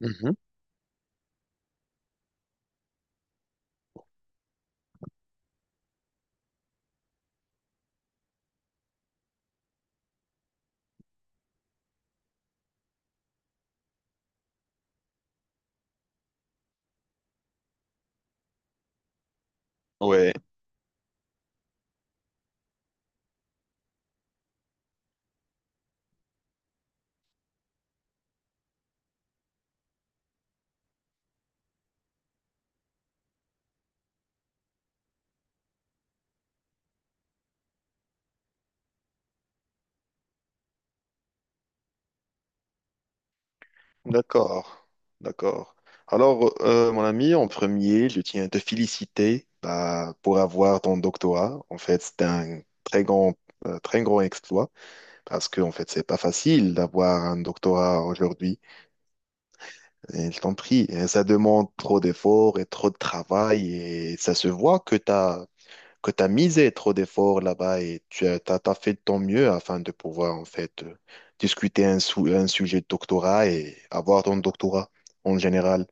Mhm. Ouais, d'accord, d'accord. Alors, mon ami, en premier, je tiens à te féliciter bah, pour avoir ton doctorat. En fait, c'est un très grand exploit parce que en fait, c'est pas facile d'avoir un doctorat aujourd'hui. Et je t'en prie. Et ça demande trop d'efforts et trop de travail et ça se voit que tu as misé trop d'efforts là-bas et t'as fait de ton mieux afin de pouvoir en fait discuter un sujet de doctorat et avoir ton doctorat en général.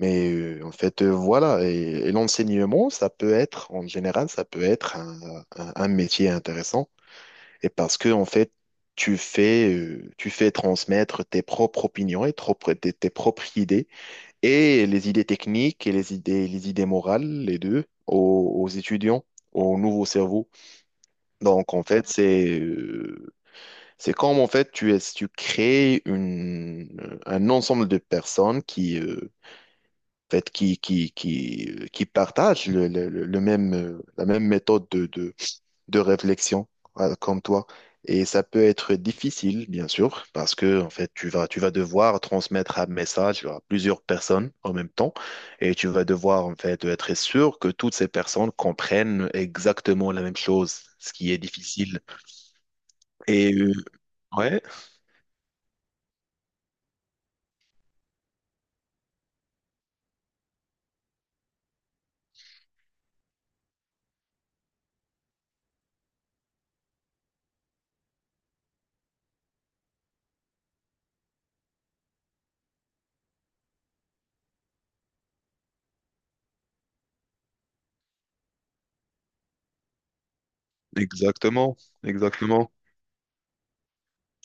Mais en fait, voilà, et l'enseignement, ça peut être, en général, ça peut être un métier intéressant. Et parce que en fait, tu fais transmettre tes propres opinions et tes propres idées et les idées techniques et les idées morales, les deux, aux étudiants, aux nouveaux cerveaux. Donc, en fait, c'est comme en fait tu crées une un ensemble de personnes qui en fait qui partagent le même la même méthode de de réflexion comme toi. Et ça peut être difficile, bien sûr, parce que en fait tu vas devoir transmettre un message à plusieurs personnes en même temps, et tu vas devoir en fait être sûr que toutes ces personnes comprennent exactement la même chose, ce qui est difficile. Et euh, Ouais, exactement, exactement,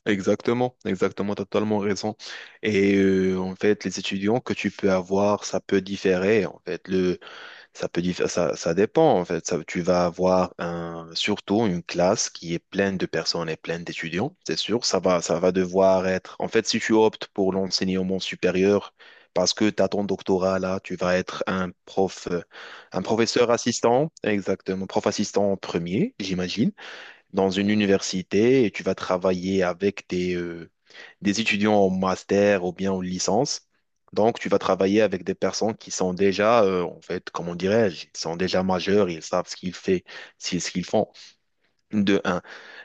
exactement, t'as totalement raison. Et en fait, les étudiants que tu peux avoir, ça peut différer. En fait, ça peut ça dépend. En fait, ça, tu vas avoir un, surtout une classe qui est pleine de personnes et pleine d'étudiants. C'est sûr, ça va devoir être. En fait, si tu optes pour l'enseignement supérieur, parce que tu as ton doctorat là, tu vas être un professeur assistant, exactement, prof assistant en premier, j'imagine. Dans une université et tu vas travailler avec des étudiants en master ou bien en licence. Donc, tu vas travailler avec des personnes qui sont déjà, en fait, comment dirais-je, ils sont déjà majeurs, ils savent ce qu'ils fait, c'est ce qu'ils font, de un.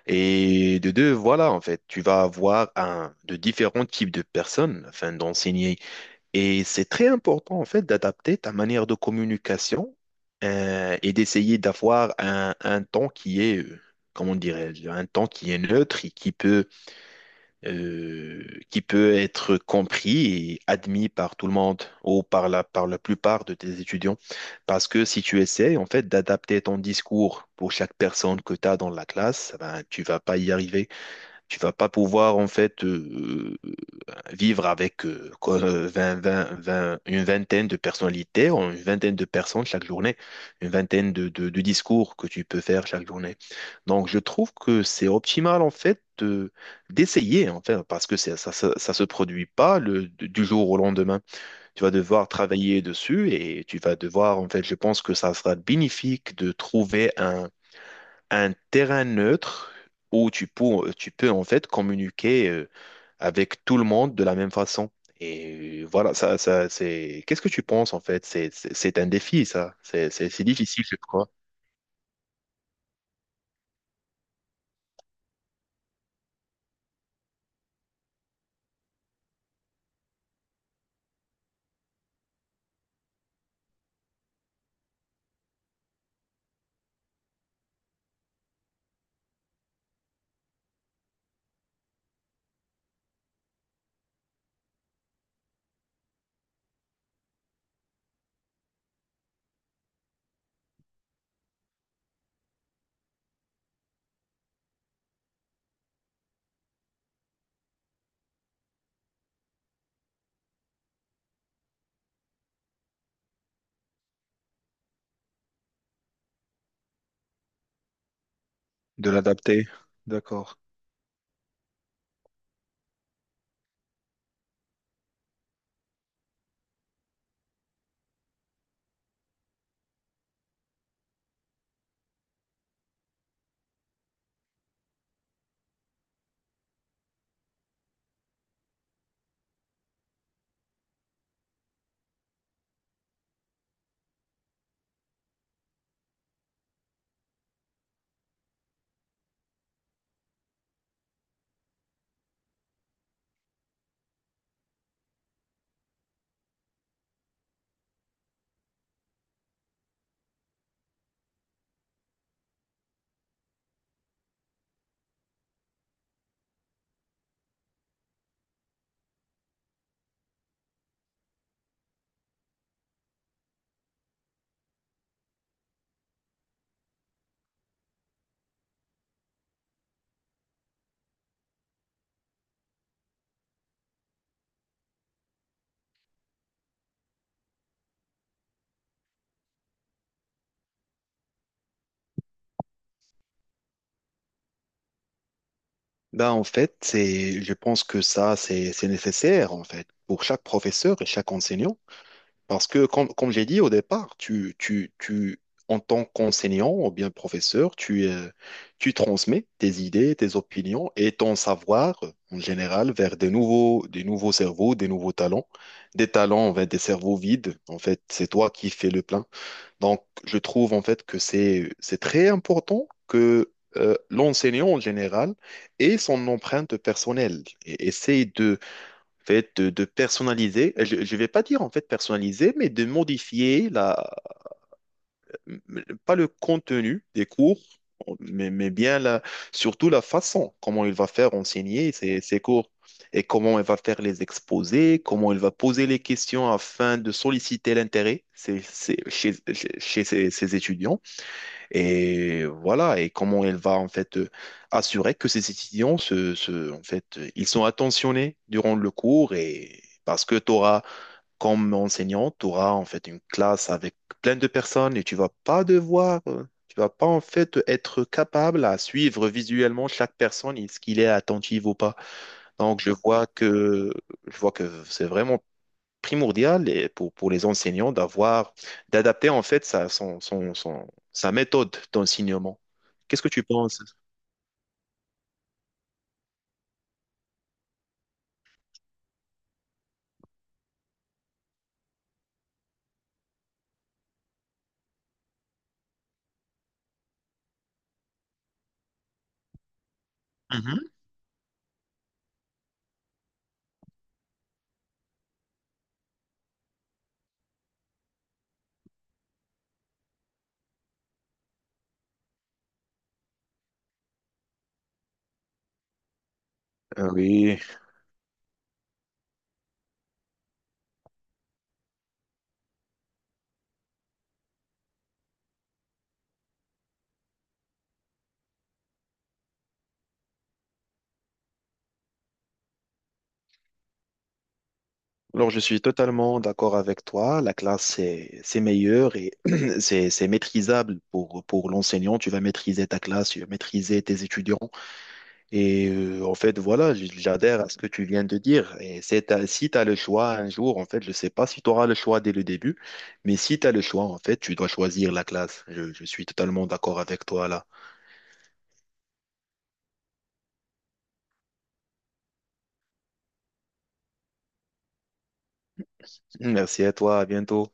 Et de deux, voilà, en fait, tu vas avoir un, de différents types de personnes afin d'enseigner et c'est très important, en fait, d'adapter ta manière de communication et d'essayer d'avoir un ton qui est, comment dirais-je, un ton qui est neutre euh, qui peut être compris et admis par tout le monde ou par par la plupart de tes étudiants. Parce que si tu essaies, en fait, d'adapter ton discours pour chaque personne que tu as dans la classe, ben, tu vas pas y arriver. Tu vas pas pouvoir en fait vivre avec quoi, 20, 20, 20, une vingtaine de personnalités, ou une vingtaine de personnes chaque journée, une vingtaine de, de discours que tu peux faire chaque journée. Donc je trouve que c'est optimal en fait d'essayer en fait, parce que ça se produit pas du jour au lendemain. Tu vas devoir travailler dessus et tu vas devoir en fait, je pense que ça sera bénéfique de trouver un terrain neutre où tu peux en fait communiquer avec tout le monde de la même façon. Et voilà, c'est. Qu'est-ce que tu penses en fait? C'est un défi, ça. C'est difficile, je crois. De l'adapter. D'accord. Là, en fait, je pense que ça, c'est nécessaire, en fait, pour chaque professeur et chaque enseignant. Parce que, comme j'ai dit au départ, tu, en tant qu'enseignant ou bien professeur, tu transmets tes idées, tes opinions et ton savoir en général vers des nouveaux cerveaux, des nouveaux talents, des talents vers des cerveaux vides. En fait, c'est toi qui fais le plein. Donc, je trouve en fait que c'est très important que l'enseignant en général ait son empreinte personnelle et essaye de fait, de personnaliser, je ne vais pas dire en fait personnaliser, mais de modifier la, pas le contenu des cours, mais bien la, surtout la façon, comment il va faire enseigner ses cours et comment il va faire les exposés, comment il va poser les questions afin de solliciter l'intérêt chez ses étudiants. Et voilà, et comment elle va en fait assurer que ses étudiants en fait, ils sont attentionnés durant le cours et parce que tu auras, comme enseignant, tu auras en fait une classe avec plein de personnes et tu vas pas en fait être capable à suivre visuellement chaque personne, est-ce qu'il est attentif ou pas. Donc je vois que c'est vraiment primordial et pour les enseignants d'avoir, d'adapter en fait sa, son, son, son- sa méthode d'enseignement. Qu'est-ce que tu penses? Mhm. Oui, alors je suis totalement d'accord avec toi. La classe, c'est meilleur et c'est maîtrisable pour l'enseignant. Tu vas maîtriser ta classe, tu vas maîtriser tes étudiants. Et en fait, voilà, j'adhère à ce que tu viens de dire. Et si tu as le choix un jour, en fait, je ne sais pas si tu auras le choix dès le début, mais si tu as le choix, en fait, tu dois choisir la classe. Je suis totalement d'accord avec toi là. Merci à toi, à bientôt.